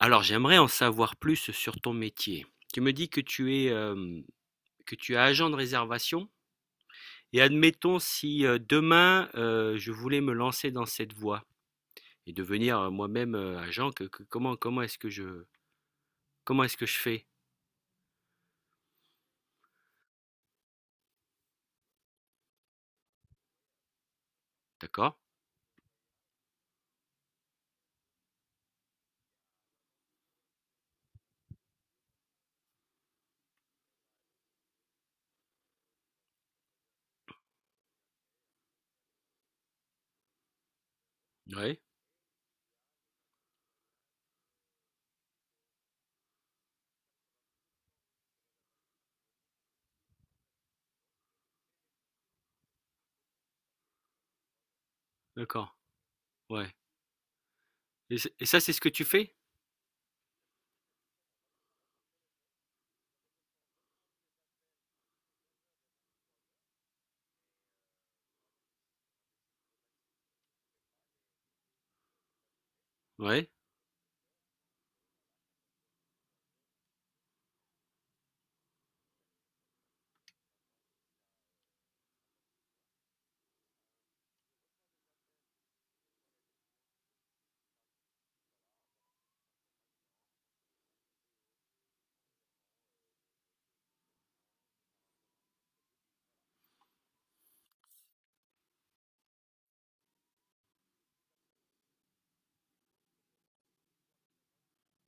Alors, j'aimerais en savoir plus sur ton métier. Tu me dis que tu es agent de réservation et admettons si, demain, je voulais me lancer dans cette voie et devenir, moi-même, agent, que comment comment est-ce que je comment est-ce que je fais? D'accord. Ouais. D'accord. Ouais. Et ça, c'est ce que tu fais? Ouais.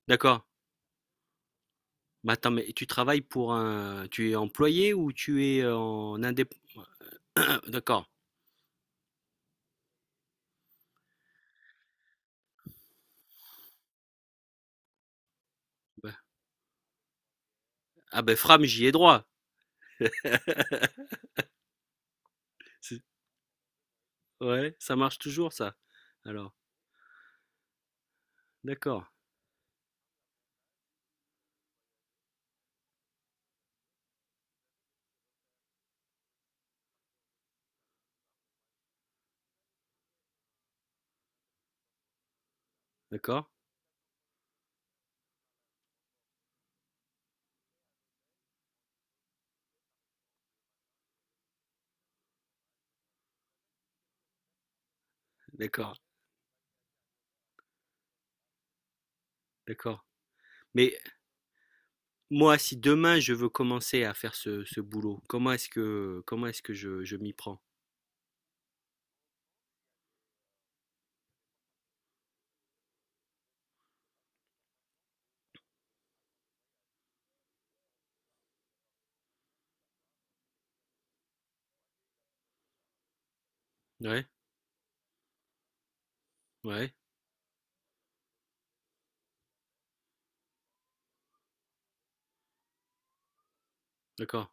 D'accord. Mais attends, mais tu travailles pour un tu es employé ou tu es en indépendant? D'accord. Bah, ah ben Fram, j'y ai droit. Ouais, ça marche toujours ça? Alors, d'accord, d'accord, d'accord, d'accord. Mais moi, si demain je veux commencer à faire ce boulot, comment est-ce que je m'y prends? Ouais, ouais, d'accord.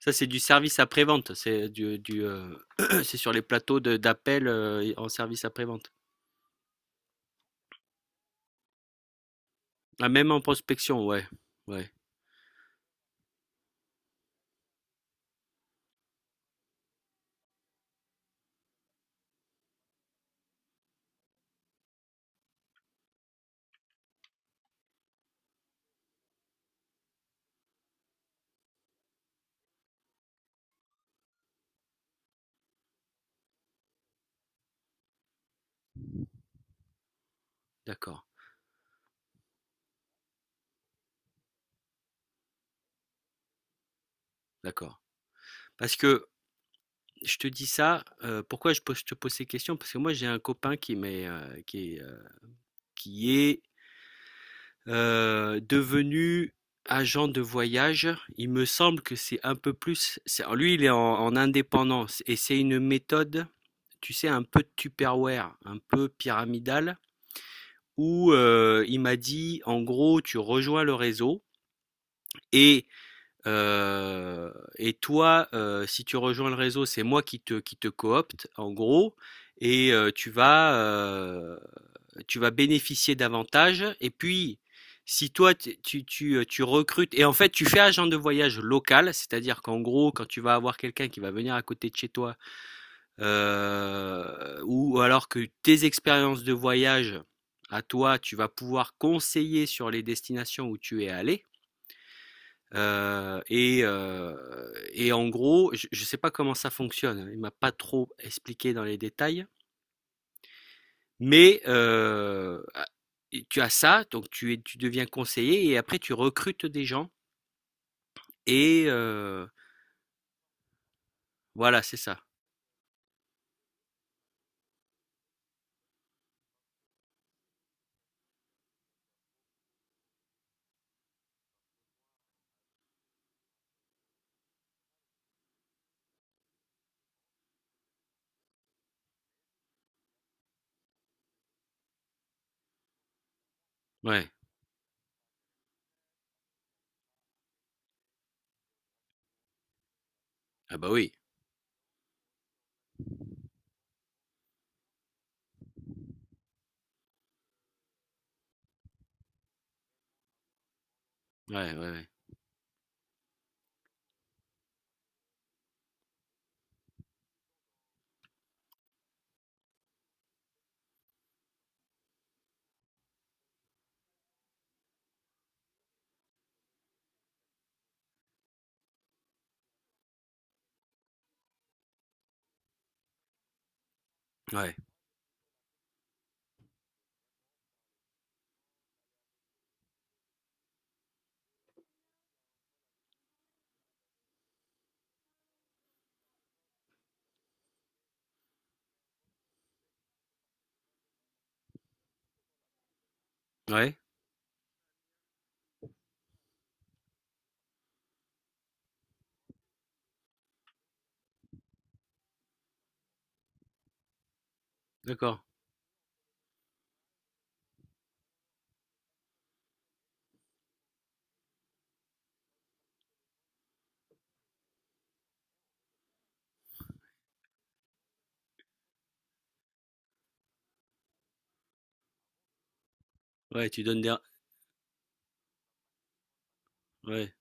Ça, c'est du service après-vente, c'est du c'est sur les plateaux d'appel en service après-vente. Ah, même en prospection, ouais, ouais, d'accord, d'accord. Parce que je te dis ça, pourquoi je te pose ces questions? Parce que moi, j'ai un copain qui est devenu agent de voyage. Il me semble que c'est un peu plus il est en indépendance et c'est une méthode, tu sais, un peu Tupperware, un peu pyramidale, où, il m'a dit: «En gros, tu rejoins le réseau et euh, toi, si tu rejoins le réseau, c'est moi qui te coopte, en gros, et tu vas bénéficier davantage. Et puis, si toi, tu recrutes, et en fait, tu fais agent de voyage local, c'est-à-dire qu'en gros, quand tu vas avoir quelqu'un qui va venir à côté de chez toi, ou alors que tes expériences de voyage à toi, tu vas pouvoir conseiller sur les destinations où tu es allé. Et en gros, je sais pas comment ça fonctionne, hein, il m'a pas trop expliqué dans les détails, mais tu as ça, donc tu deviens conseiller et après tu recrutes des gens et, voilà, c'est ça. Ouais. Ah bah oui. Ouais, ouais, ouais. Ouais. Ouais, d'accord. Ouais, tu donnes des ouais.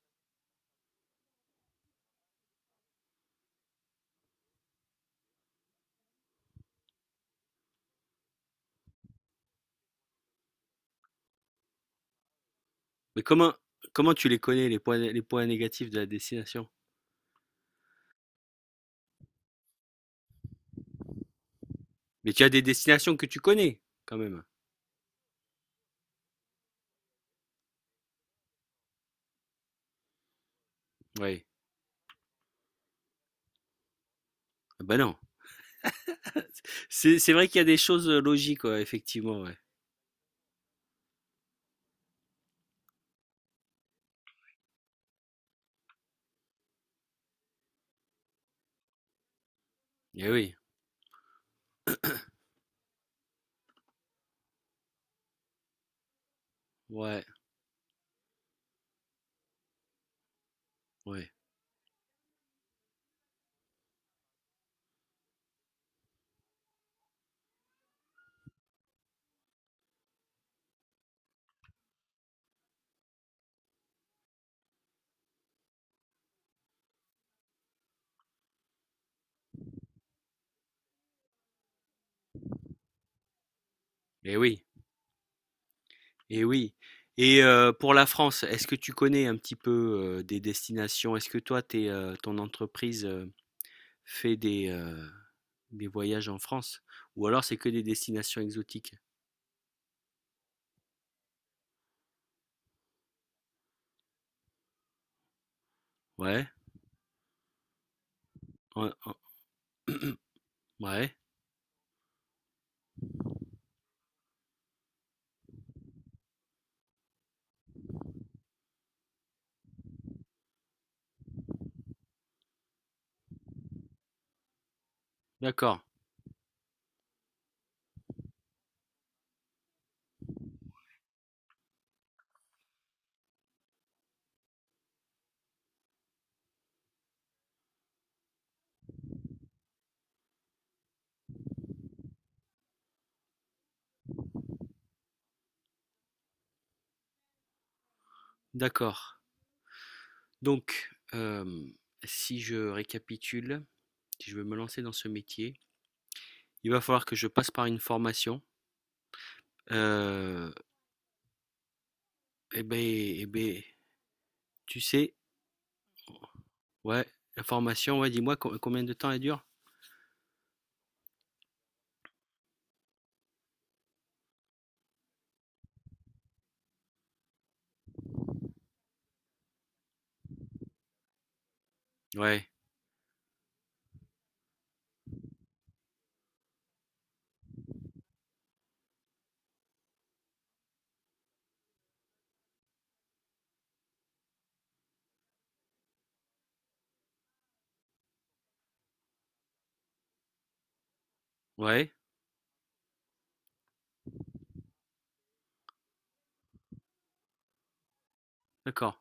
Mais comment tu les connais, les points négatifs de la destination? Mais tu as des destinations que tu connais quand même? Ouais. Ah bah non. C'est vrai qu'il y a des choses logiques, ouais, effectivement, ouais. Eh oui, ouais, ouais. Et oui, et oui. Et pour la France, est-ce que tu connais un petit peu des destinations? Est-ce que toi, ton entreprise fait des voyages en France? Ou alors c'est que des destinations exotiques? Ouais, ouais, ouais. D'accord, d'accord. Donc, si je récapitule, si je veux me lancer dans ce métier, il va falloir que je passe par une formation. Euh, Eh ben, eh ben, tu sais, ouais, la formation, ouais, dis-moi combien de temps elle dure? Ouais, ouais, d'accord.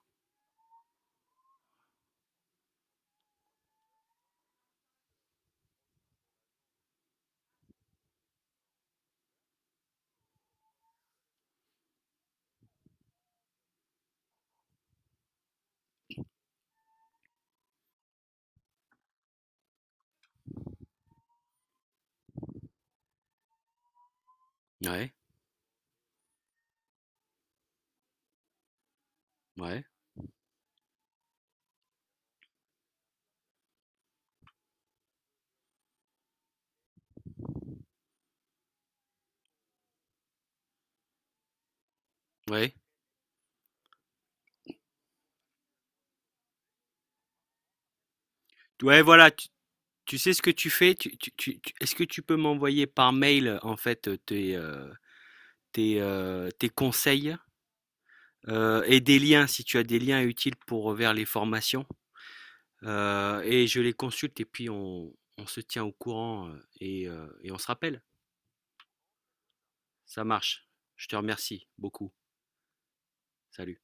Ouais, ouais, ouais. Ouais, voilà, tu sais ce que tu fais? Est-ce que tu peux m'envoyer par mail, en fait, tes conseils, et des liens, si tu as des liens utiles pour vers les formations? Et je les consulte et puis on se tient au courant, et on se rappelle. Ça marche. Je te remercie beaucoup. Salut.